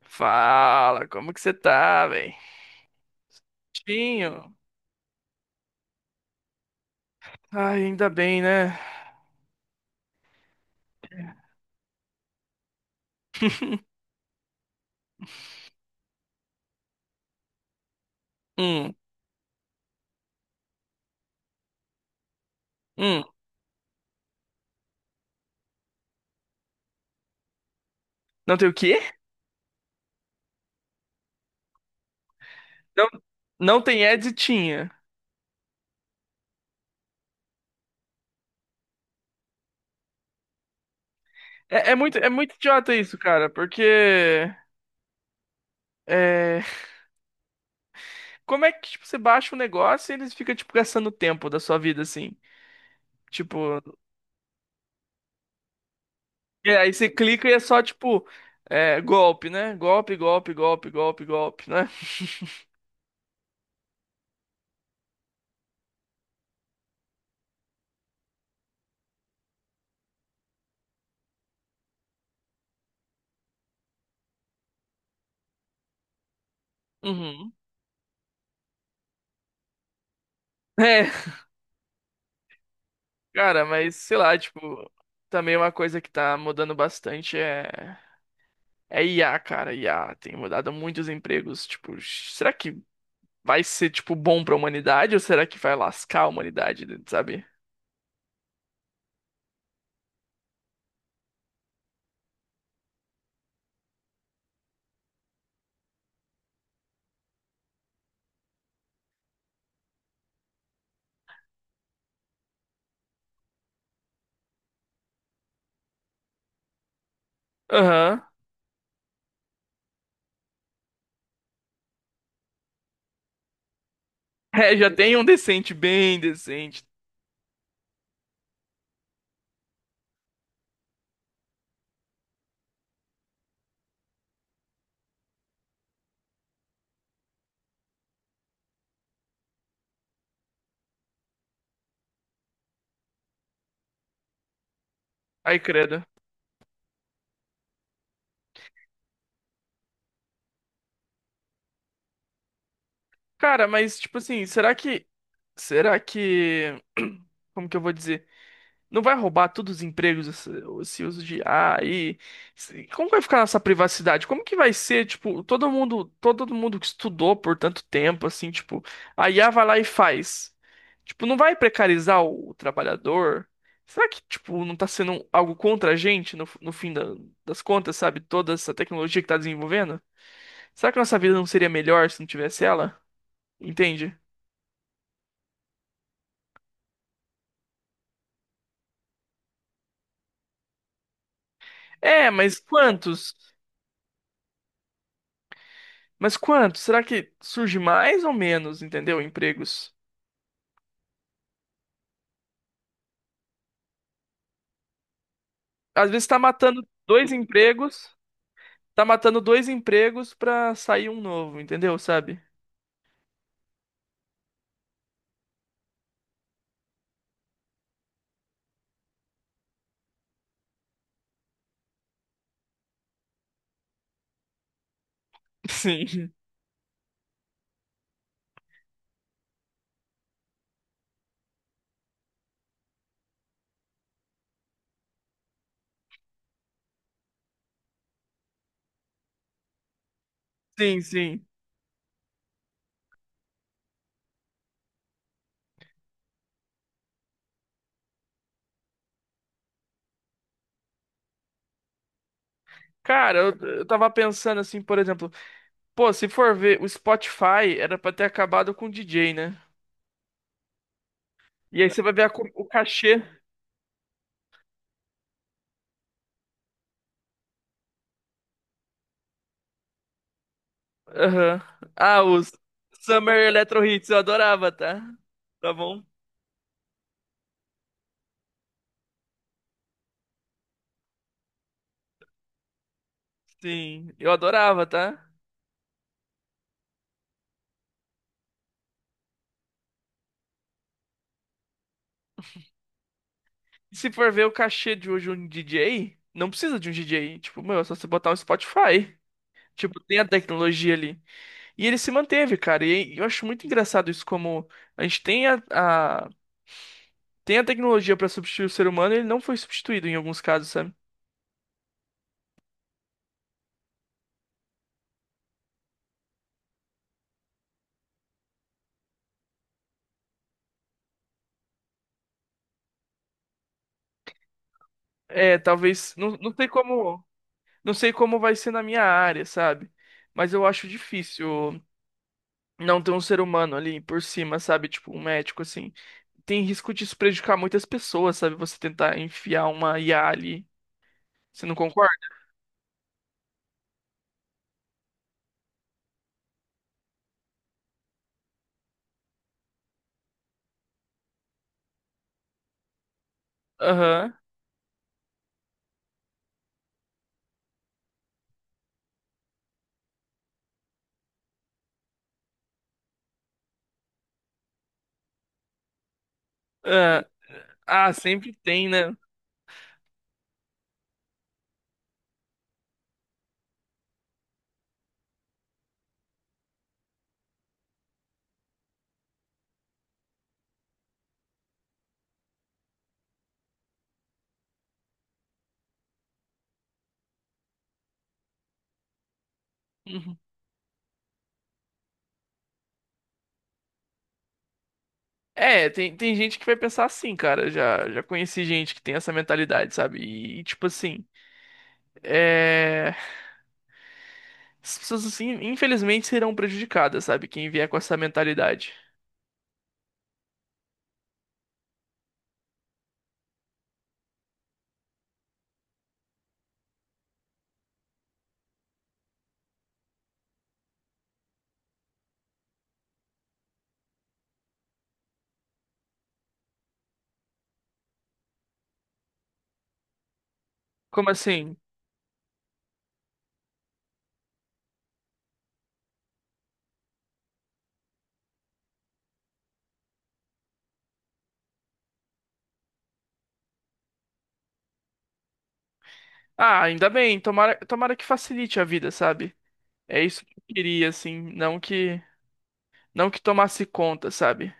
Fala, como que você tá, velho? Tinho. Ai, ainda bem, né? Hum, hum. Não tem o quê? Não, não tem editinha. É muito, idiota isso, cara, porque é, como é que tipo, você baixa um negócio e eles ficam tipo gastando tempo da sua vida assim? Tipo, aí você clica e é só tipo golpe, né? Golpe, golpe, golpe, golpe, golpe, né? Uhum. É, cara, mas sei lá, tipo, também uma coisa que tá mudando bastante é IA, cara. IA tem mudado muitos empregos, tipo, será que vai ser tipo bom pra humanidade ou será que vai lascar a humanidade, sabe? Aham. É, já tem um decente, bem decente. Ai, credo. Cara, mas tipo assim, será que como que eu vou dizer? Não vai roubar todos os empregos esse uso de IA e se- como vai ficar essa privacidade? Como que vai ser, tipo, todo mundo que estudou por tanto tempo, assim, tipo, a IA vai lá e faz. Tipo, não vai precarizar o trabalhador? Será que, tipo, não tá sendo um, algo contra a gente no fim das contas, sabe? Toda essa tecnologia que tá desenvolvendo? Será que nossa vida não seria melhor se não tivesse ela? Entende? É, mas quantos? Mas quanto? Será que surge mais ou menos, entendeu? Empregos. Às vezes tá matando dois empregos, tá matando dois empregos pra sair um novo, entendeu? Sabe? Sim. Sim, sim. Cara, eu tava pensando assim, por exemplo, pô, se for ver, o Spotify era pra ter acabado com o DJ, né? E aí você vai ver a o cachê. Aham. Ah, os Summer Electro Hits, eu adorava, tá? Tá bom? Sim, eu adorava, tá? E se for ver o cachê de hoje um DJ, não precisa de um DJ. Tipo, meu, é só você botar um Spotify. Tipo, tem a tecnologia ali. E ele se manteve, cara. E eu acho muito engraçado isso, como a gente tem a- tem a tecnologia pra substituir o ser humano e ele não foi substituído em alguns casos, sabe? É, talvez. Não, não sei como. Não sei como vai ser na minha área, sabe? Mas eu acho difícil não ter um ser humano ali por cima, sabe? Tipo, um médico, assim. Tem risco de isso prejudicar muitas pessoas, sabe? Você tentar enfiar uma IA ali. Você não concorda? Aham. Ah, ah, sempre tem, né? Uhum. É, tem gente que vai pensar assim, cara. Já conheci gente que tem essa mentalidade, sabe? E, tipo assim, é... as pessoas, assim, infelizmente serão prejudicadas, sabe? Quem vier com essa mentalidade. Como assim? Ah, ainda bem, tomara, tomara que facilite a vida, sabe? É isso que eu queria, assim, não que tomasse conta, sabe?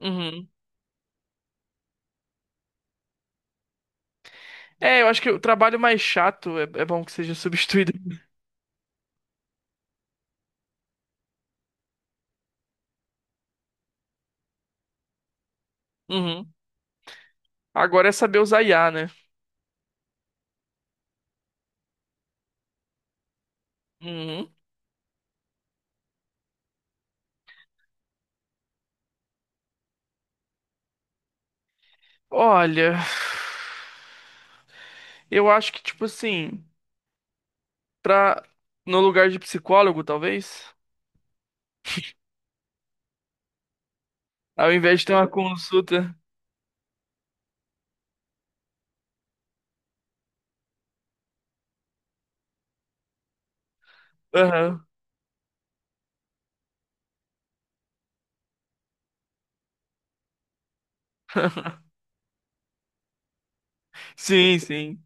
Uhum. É, eu acho que o trabalho mais chato é, é bom que seja substituído. Uhum. Agora é saber usar IA, né? Uhum. Olha, eu acho que, tipo assim, pra, no lugar de psicólogo, talvez, ao invés de ter uma consulta. Aham. Sim, sim.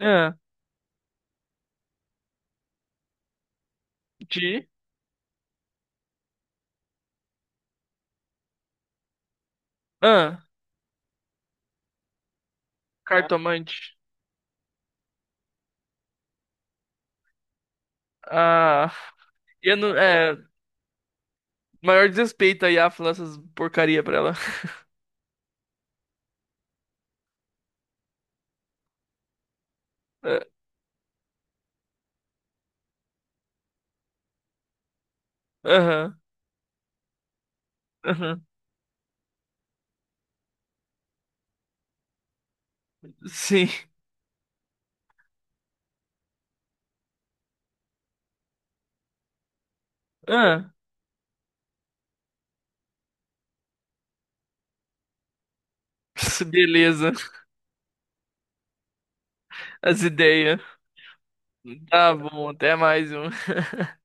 Ah, de. Ah, cartomante. Ah. E eu não, é, maior desrespeito aí a falar essas porcaria pra ela. É, aham, aham, sim. Ah, beleza, as ideias. Tá bom, até mais um.